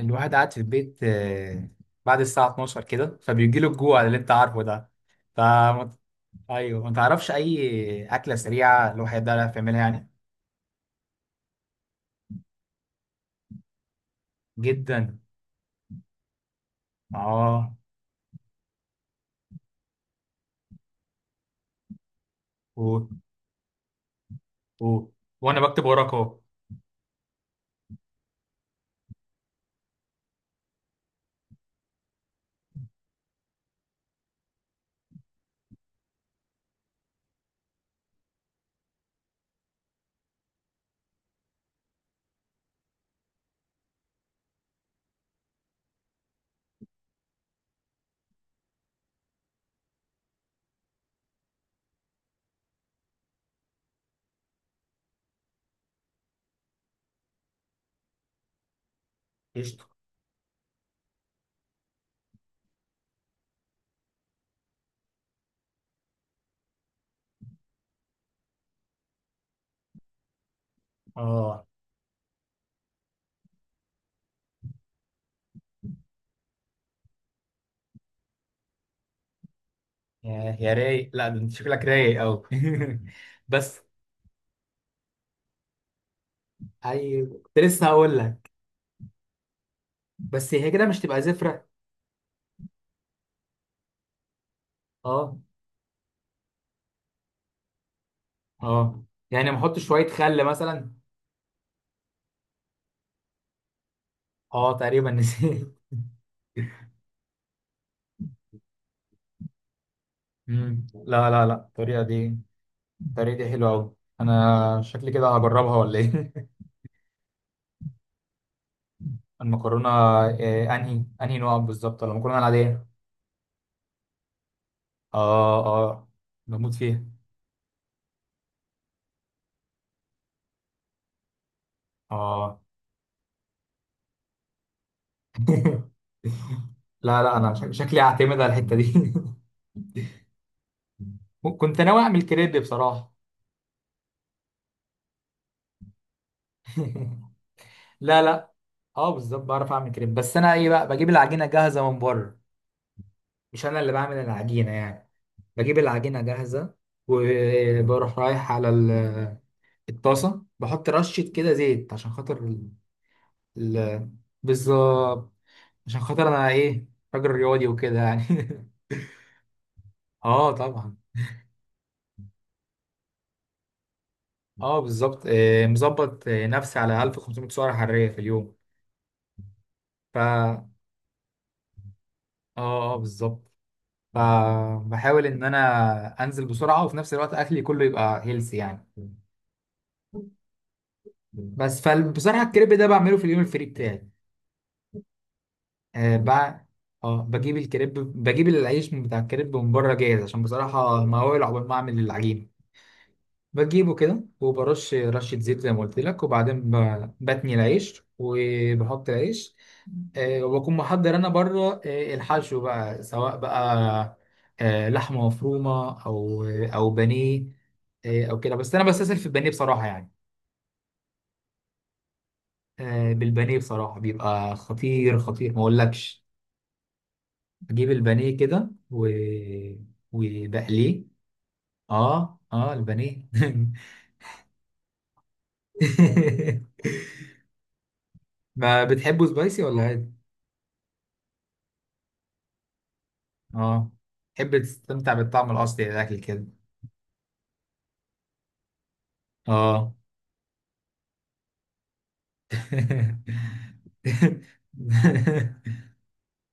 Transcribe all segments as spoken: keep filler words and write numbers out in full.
الواحد قاعد في البيت آه، بعد الساعة الثانية عشرة كده فبيجي له الجوع اللي انت عارفه ده. ف ايوه، ما تعرفش اي أكلة سريعة الواحد ده يعرف يعملها يعني. جدا. اه. و... و... وانا بكتب وراك اهو. قشطة. اه. يا يا رايق، لا ده انت شكلك رايق قوي. بس. ايوه كنت لسه هقول لك، بس هي كده مش تبقى زفرة؟ اه. اه يعني ما احط شوية خل مثلا؟ اه تقريبا نسيت. مم. لا لا لا، الطريقة دي، الطريقة دي حلوة أوي. أنا شكلي كده هجربها، ولا إيه؟ المكرونة آه، أنهي أنهي نوع بالظبط؟ ولا المكرونة العادية؟ آه آه، بموت فيها. آه. لا لا أنا شك- شكلي هعتمد على الحتة دي. كنت ناوي أعمل كريب بصراحة. لا لا. اه بالظبط بعرف اعمل كريب، بس انا ايه بقى، بجيب العجينه جاهزه من بره. مش انا اللي بعمل العجينه يعني، بجيب العجينه جاهزه. وبروح رايح على ال- الطاسه، بحط رشه كده زيت عشان خاطر ال- بالظبط، عشان خاطر انا ايه، راجل رياضي وكده يعني. اه طبعا. اه بالظبط آه، مظبط آه، نفسي على ألف وخمسمية سعره حراريه في اليوم. ف اه. اه بالظبط. فبحاول ان انا انزل بسرعه، وفي نفس الوقت اكلي كله يبقى هيلثي يعني. بس فبصراحه الكريب ده بعمله في اليوم الفري بتاعي. آه بع... اه بجيب الكريب، بجيب العيش من بتاع الكريب من بره جاهز، عشان بصراحه مهوول عقبال ما اعمل العجينه. بجيبه كده وبرش رشة زيت زي ما قلت لك، وبعدين ب- بتني العيش وبحط العيش. آه، وبكون محضر أنا بره آه، الحشو بقى، سواء بقى آه، لحمة مفرومة، أو آه، أو بانيه آه، أو كده. بس أنا بستسهل في البانيه بصراحة يعني. آه، بالبانيه بصراحة بيبقى خطير، خطير ما أقولكش. بجيب البانيه كده و... وبقليه. اه اه البانيه. ما بتحبه سبايسي ولا عادي؟ اه تحب تستمتع بالطعم الأصلي للأكل كده. اه.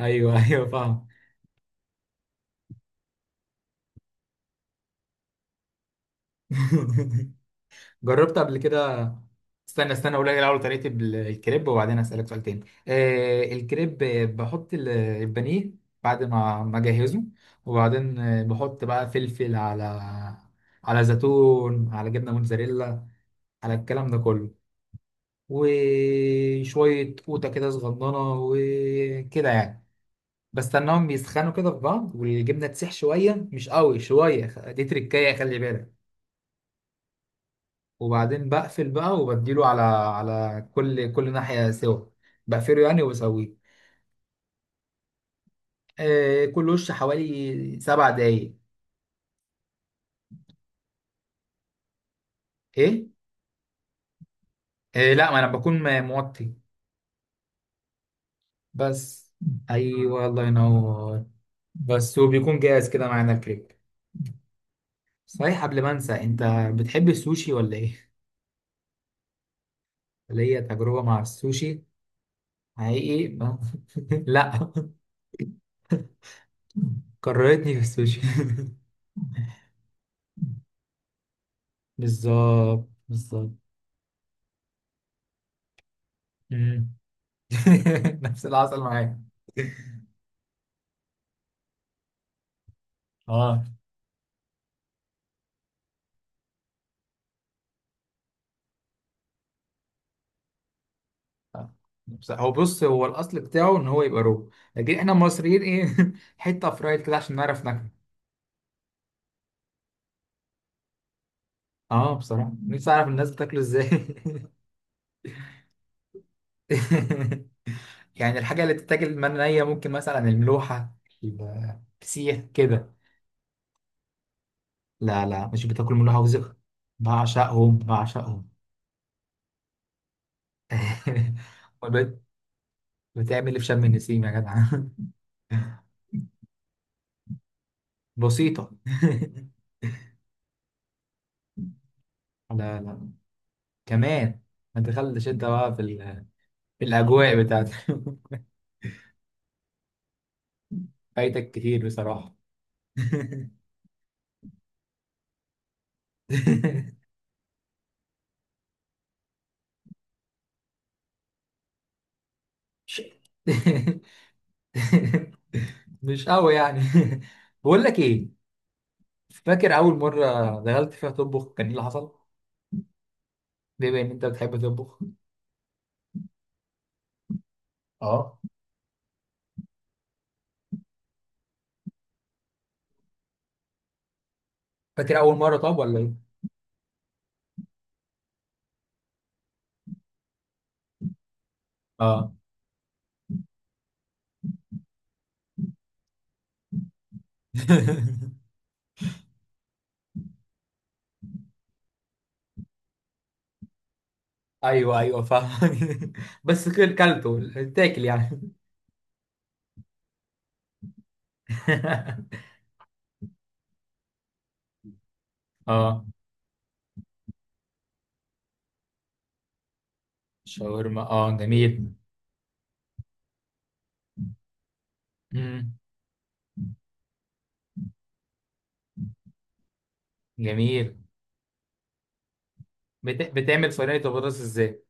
ايوه ايوه فاهم. جربت قبل كده. استنى استنى أقول لك الأول طريقة ال- الكريب، وبعدين أسألك سؤال تاني. آه الكريب آه، بحط ال- البانيه بعد ما ما أجهزه، وبعدين آه، بحط بقى فلفل على، على زيتون، على جبنة موتزاريلا، على الكلام ده كله. وشوية قوطة كده صغننة وكده يعني. بستناهم بيسخنوا كده في بعض، والجبنة تسيح شوية، مش قوي شوية. دي تركاية خلي بالك. وبعدين بقفل بقى وبديله على، على كل كل ناحية سوا، بقفله يعني وبسويه. آه كل وش حوالي سبع دقايق. ايه؟ آه لا ما انا بكون م- موطي بس. ايوه الله ينور. بس وبيكون جاهز كده معانا الكريب. صحيح قبل ما انسى، انت بتحب السوشي ولا ايه؟ ليا تجربة مع السوشي حقيقي. لا، كرهتني في السوشي. بالظبط بالظبط. مم. نفس اللي حصل معايا. اه بس- هو بص، هو الاصل بتاعه ان هو يبقى رو، لكن احنا المصريين ايه حته فرايد كده عشان نعرف ناكله. اه بصراحه نفسي اعرف الناس بتاكله ازاي. يعني الحاجه اللي بتتاكل من نيه، ممكن مثلا الملوحه، الفسيخ كده. لا لا، مش بتاكل من حافظك. بعشقهم بعشقهم. أمال بت- بتعمل إيه في شم النسيم يا جدع؟ بسيطة. لا لا كمان. ما دخلتش انت بقى في، ال... في الأجواء بتاعت. فايتك كتير بصراحة. مش مش قوي يعني. بقول لك ايه، فاكر أول مرة دخلت فيها تطبخ كان ايه اللي حصل؟ بما إن أنت بتحب تطبخ. اه فاكر أول مرة طب ولا ايه؟ ايوه ايوه فاهم. بس كل كلته، تاكل يعني. اه. شاورما، اه جميل. مم. جميل. بت... بتعمل صينيه البطاطس ازاي؟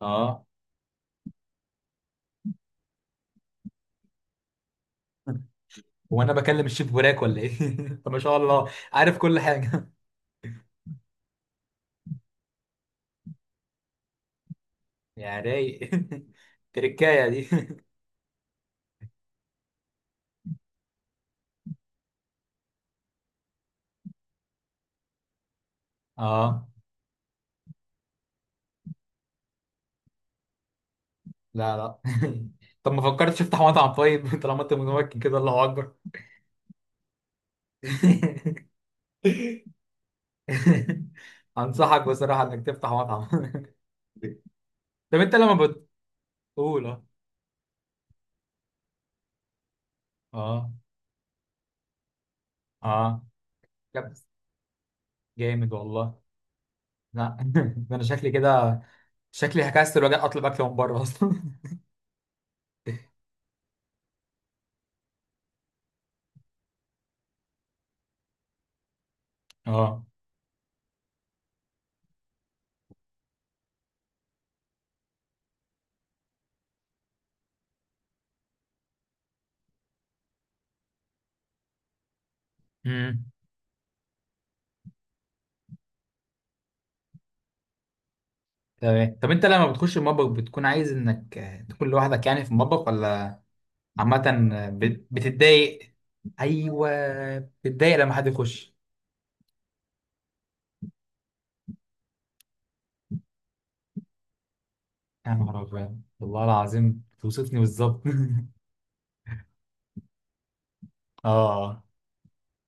اه وانا بكلم الشيف براك ولا ايه؟ طب ما شاء الله عارف كل حاجه. يا رايق. تركايه دي. اه لا لا. طب ما فكرتش تفتح مطعم طيب؟ طالما انت متمكن كده الله اكبر. انصحك بصراحه انك تفتح مطعم. طب انت لما بتقول اه. اه اه. جاب- جامد والله. لا ده انا شكلي كده، شكلي هكسر واجي اطلب اكل من بره اصلا. اه. امم. تمام. طب انت لما بتخش المطبخ بتكون عايز انك آه، تكون لوحدك يعني في المطبخ، ولا عامة آه، بت- بتتضايق؟ ايوه بتتضايق لما حد يخش. يا نهار ابيض، والله العظيم توصفني بالظبط. اه.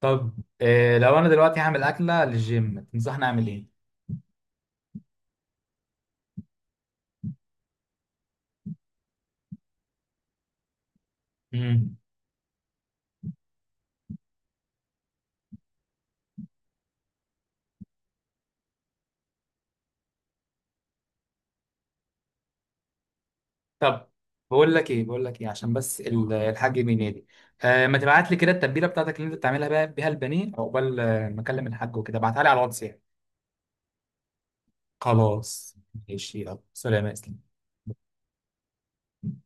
طب آه، لو انا دلوقتي هعمل اكله للجيم تنصحني اعمل ايه؟ طب بقول لك ايه، بقول لك ايه، عشان بس ال- الحاج بينادي. آه ما تبعت لي كده التتبيله بتاعتك اللي انت بتعملها بقى بيها البانيه، عقبال آه، ما اكلم الحاج وكده، ابعتها لي على الواتس يعني. خلاص. ماشي يلا سلام يا اسلام.